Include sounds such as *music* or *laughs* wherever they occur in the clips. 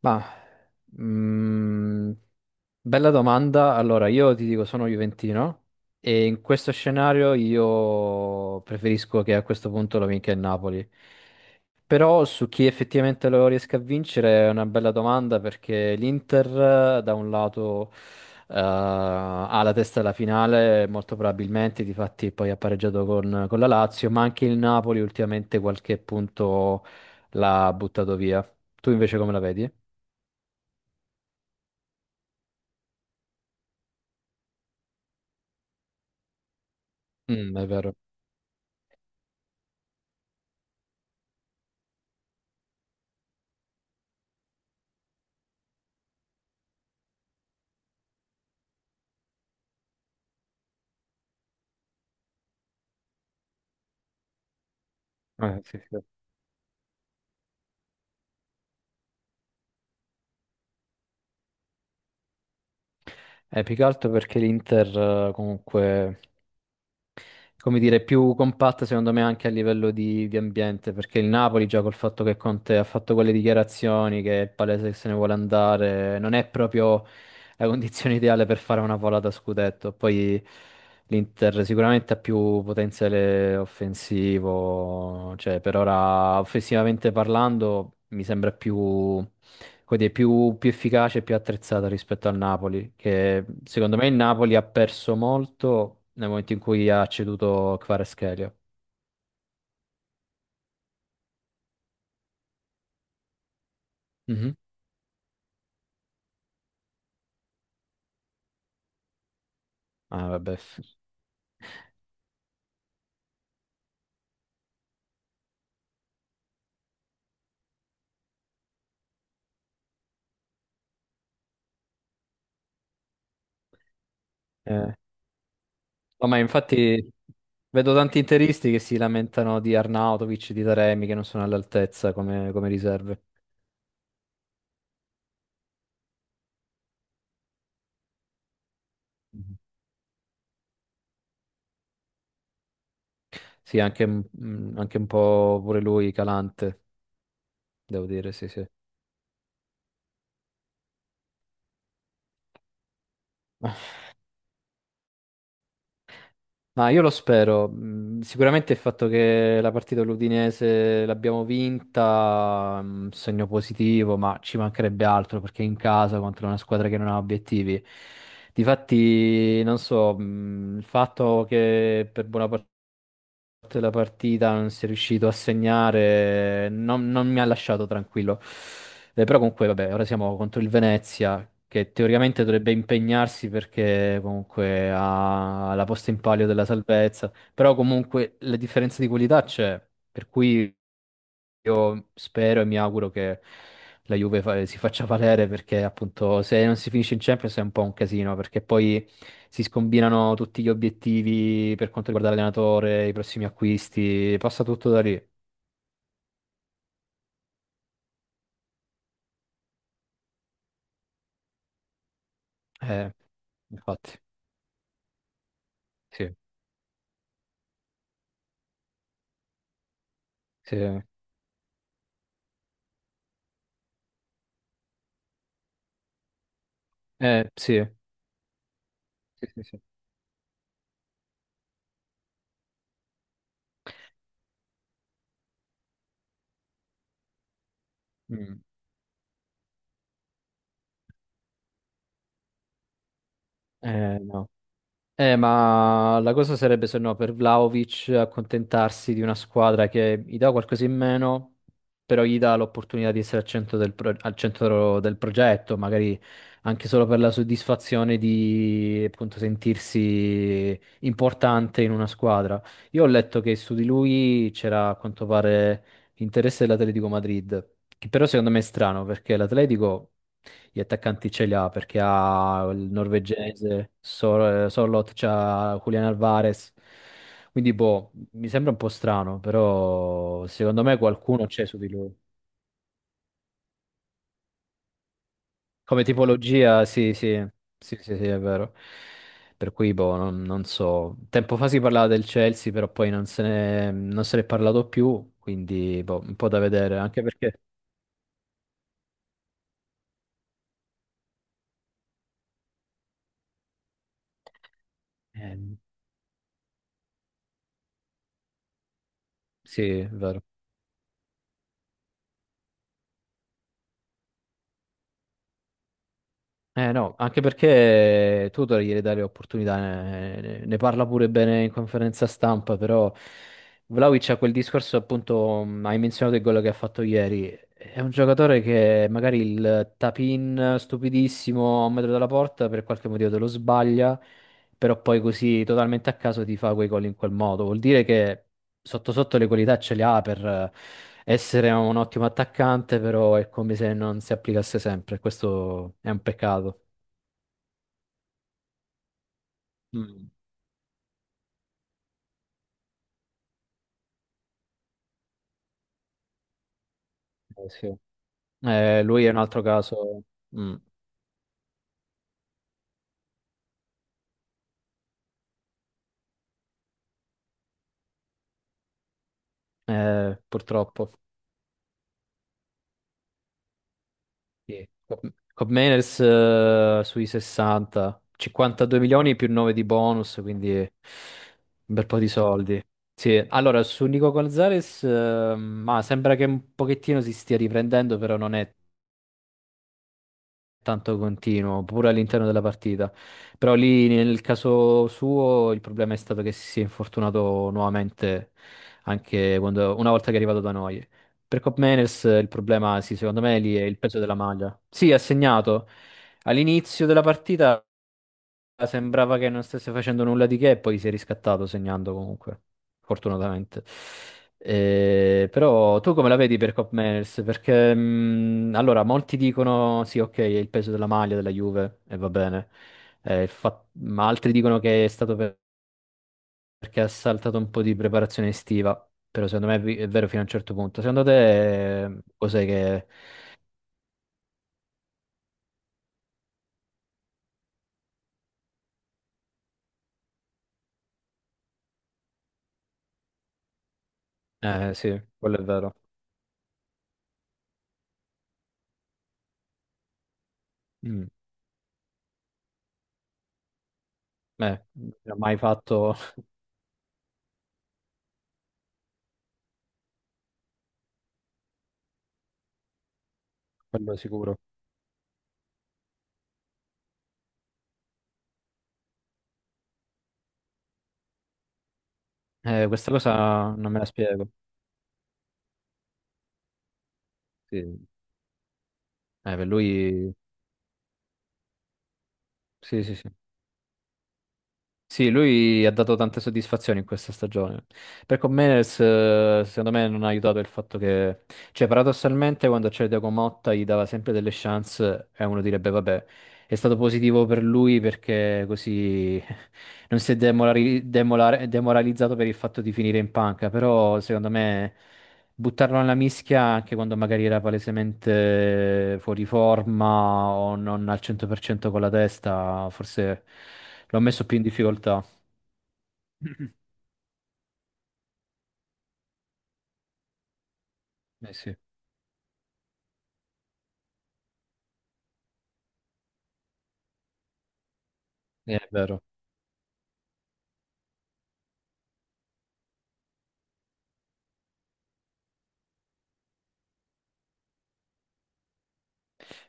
Ma, mm, bella domanda. Allora, io ti dico, sono juventino e in questo scenario io preferisco che a questo punto lo vinca il Napoli. Però su chi effettivamente lo riesca a vincere è una bella domanda perché l'Inter da un lato ha la testa alla finale, molto probabilmente, difatti poi ha pareggiato con la Lazio, ma anche il Napoli ultimamente qualche punto l'ha buttato via. Tu invece come la vedi? Mm, è vero. Sì, sì. Più che altro perché l'Inter comunque, come dire, è più compatta secondo me anche a livello di ambiente, perché il Napoli già col fatto che Conte ha fatto quelle dichiarazioni che è palese che se ne vuole andare, non è proprio la condizione *laughs* ideale per fare una volata a scudetto. Poi l'Inter sicuramente ha più potenziale offensivo, cioè per ora offensivamente parlando mi sembra più. Quindi è più efficace e più attrezzata rispetto al Napoli, che secondo me il Napoli ha perso molto nel momento in cui ha ceduto Kvaratskhelia. Mhm. Ah, vabbè. Eh. No, ma infatti vedo tanti interisti che si lamentano di Arnautovic, di Taremi, che non sono all'altezza come riserve. Mhm. Sì, anche un po' pure lui calante, devo dire, sì, sì. Ma io lo spero. Sicuramente il fatto che la partita dell'Udinese l'abbiamo vinta, segno positivo, ma ci mancherebbe altro perché in casa contro una squadra che non ha obiettivi. Difatti, non so, il fatto che per buona parte fatto la partita, non si è riuscito a segnare, non mi ha lasciato tranquillo. Però comunque, vabbè, ora siamo contro il Venezia, che teoricamente dovrebbe impegnarsi perché comunque ha la posta in palio della salvezza, però comunque la differenza di qualità c'è, per cui io spero e mi auguro che la Juve si faccia valere perché appunto se non si finisce in Champions è un po' un casino perché poi si scombinano tutti gli obiettivi per quanto riguarda l'allenatore, i prossimi acquisti, passa tutto da lì. Eh, infatti, sì, sì. Sì, sì, sì, sì. Mm. No. Ma la cosa sarebbe se no per Vlaovic accontentarsi di una squadra che gli dà qualcosa in meno, però gli dà l'opportunità di essere al centro del progetto, magari anche solo per la soddisfazione di appunto sentirsi importante in una squadra. Io ho letto che su di lui c'era a quanto pare l'interesse dell'Atletico Madrid, che però secondo me è strano perché l'Atletico. Gli attaccanti ce li ha perché ha il norvegese, Sorloth, c'ha Julian Alvarez. Quindi, boh, mi sembra un po' strano, però secondo me qualcuno c'è su di lui. Come tipologia, sì, sì, sì, sì, sì, è vero. Per cui, boh, non so. Tempo fa si parlava del Chelsea, però poi non se ne è parlato più, quindi, boh, un po' da vedere, anche perché. Eh, sì, è vero. Eh no, anche perché tu devi dare opportunità, ne parla pure bene in conferenza stampa, però Vlaovic ha quel discorso appunto, hai menzionato il gol che ha fatto ieri, è un giocatore che magari il tap-in stupidissimo a un metro dalla porta per qualche motivo te lo sbaglia, però poi così totalmente a caso ti fa quei gol in quel modo, vuol dire che sotto sotto le qualità ce le ha per essere un ottimo attaccante, però è come se non si applicasse sempre. Questo è un peccato. Mm. Sì. Lui è un altro caso. Mm. Purtroppo. Sì. Cobb Meners, sui 60, 52 milioni più 9 di bonus, quindi un bel po' di soldi. Sì, allora su Nico Gonzalez, ma sembra che un pochettino si stia riprendendo, però non è tanto continuo, pure all'interno della partita. Però lì nel caso suo il problema è stato che si è infortunato nuovamente anche una volta che è arrivato da noi. Per Cop Meners il problema, sì, secondo me lì è il peso della maglia. Sì, ha segnato all'inizio della partita. Sembrava che non stesse facendo nulla di che e poi si è riscattato segnando comunque, fortunatamente. Però tu come la vedi per Cop Manners? Perché allora molti dicono sì, ok, è il peso della maglia della Juve e va bene. Ma altri dicono che è stato perché ha saltato un po' di preparazione estiva. Però secondo me è vero fino a un certo punto. Secondo te cos'è che. Eh sì, quello è vero. Mm. Non ha mai fatto *laughs* quello sicuro. Questa cosa non me la spiego. Sì. Per lui, sì, sì, sì. Sì, lui ha dato tante soddisfazioni in questa stagione. Per Comenes, secondo me, non ha aiutato il fatto che, cioè, paradossalmente, quando c'era Thiago Motta gli dava sempre delle chance e uno direbbe, vabbè, è stato positivo per lui perché così *laughs* non si è demoralizzato per il fatto di finire in panca. Però, secondo me, buttarlo nella mischia anche quando magari era palesemente fuori forma o non al 100% con la testa, forse l'ho messo più in difficoltà. Eh sì, è vero.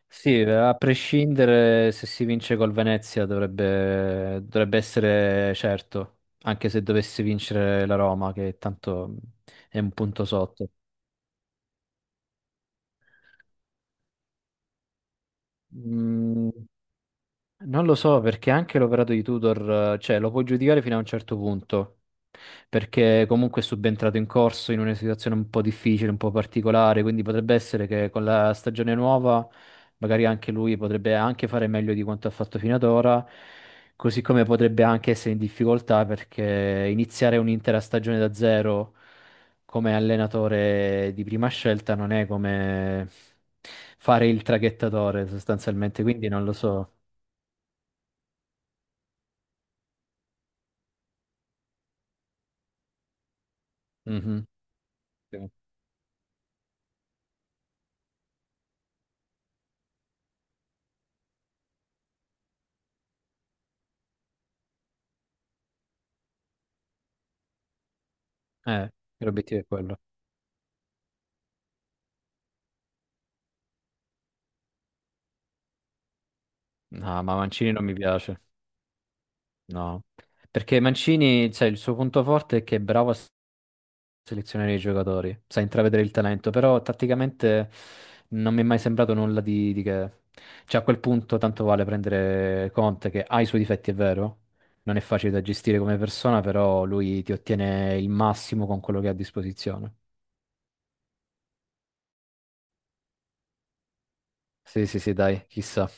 Sì, a prescindere se si vince col Venezia dovrebbe essere certo, anche se dovesse vincere la Roma, che tanto è un punto sotto. Mm, Non lo so perché anche l'operato di Tudor, cioè, lo puoi giudicare fino a un certo punto, perché comunque è subentrato in corso in una situazione un po' difficile, un po' particolare, quindi potrebbe essere che con la stagione nuova magari anche lui potrebbe anche fare meglio di quanto ha fatto fino ad ora, così come potrebbe anche essere in difficoltà perché iniziare un'intera stagione da zero come allenatore di prima scelta non è come fare il traghettatore sostanzialmente, quindi non lo so. Mhm, sì. Eh, L'obiettivo è quello. No, ma Mancini non mi piace. No. Perché Mancini, cioè, il suo punto forte è che è bravo a selezionare i giocatori, sa intravedere il talento, però tatticamente non mi è mai sembrato nulla di che. Cioè, a quel punto tanto vale prendere Conte, che ha i suoi difetti, è vero, non è facile da gestire come persona, però lui ti ottiene il massimo con quello che ha a disposizione. Sì, sì, sì, dai, chissà.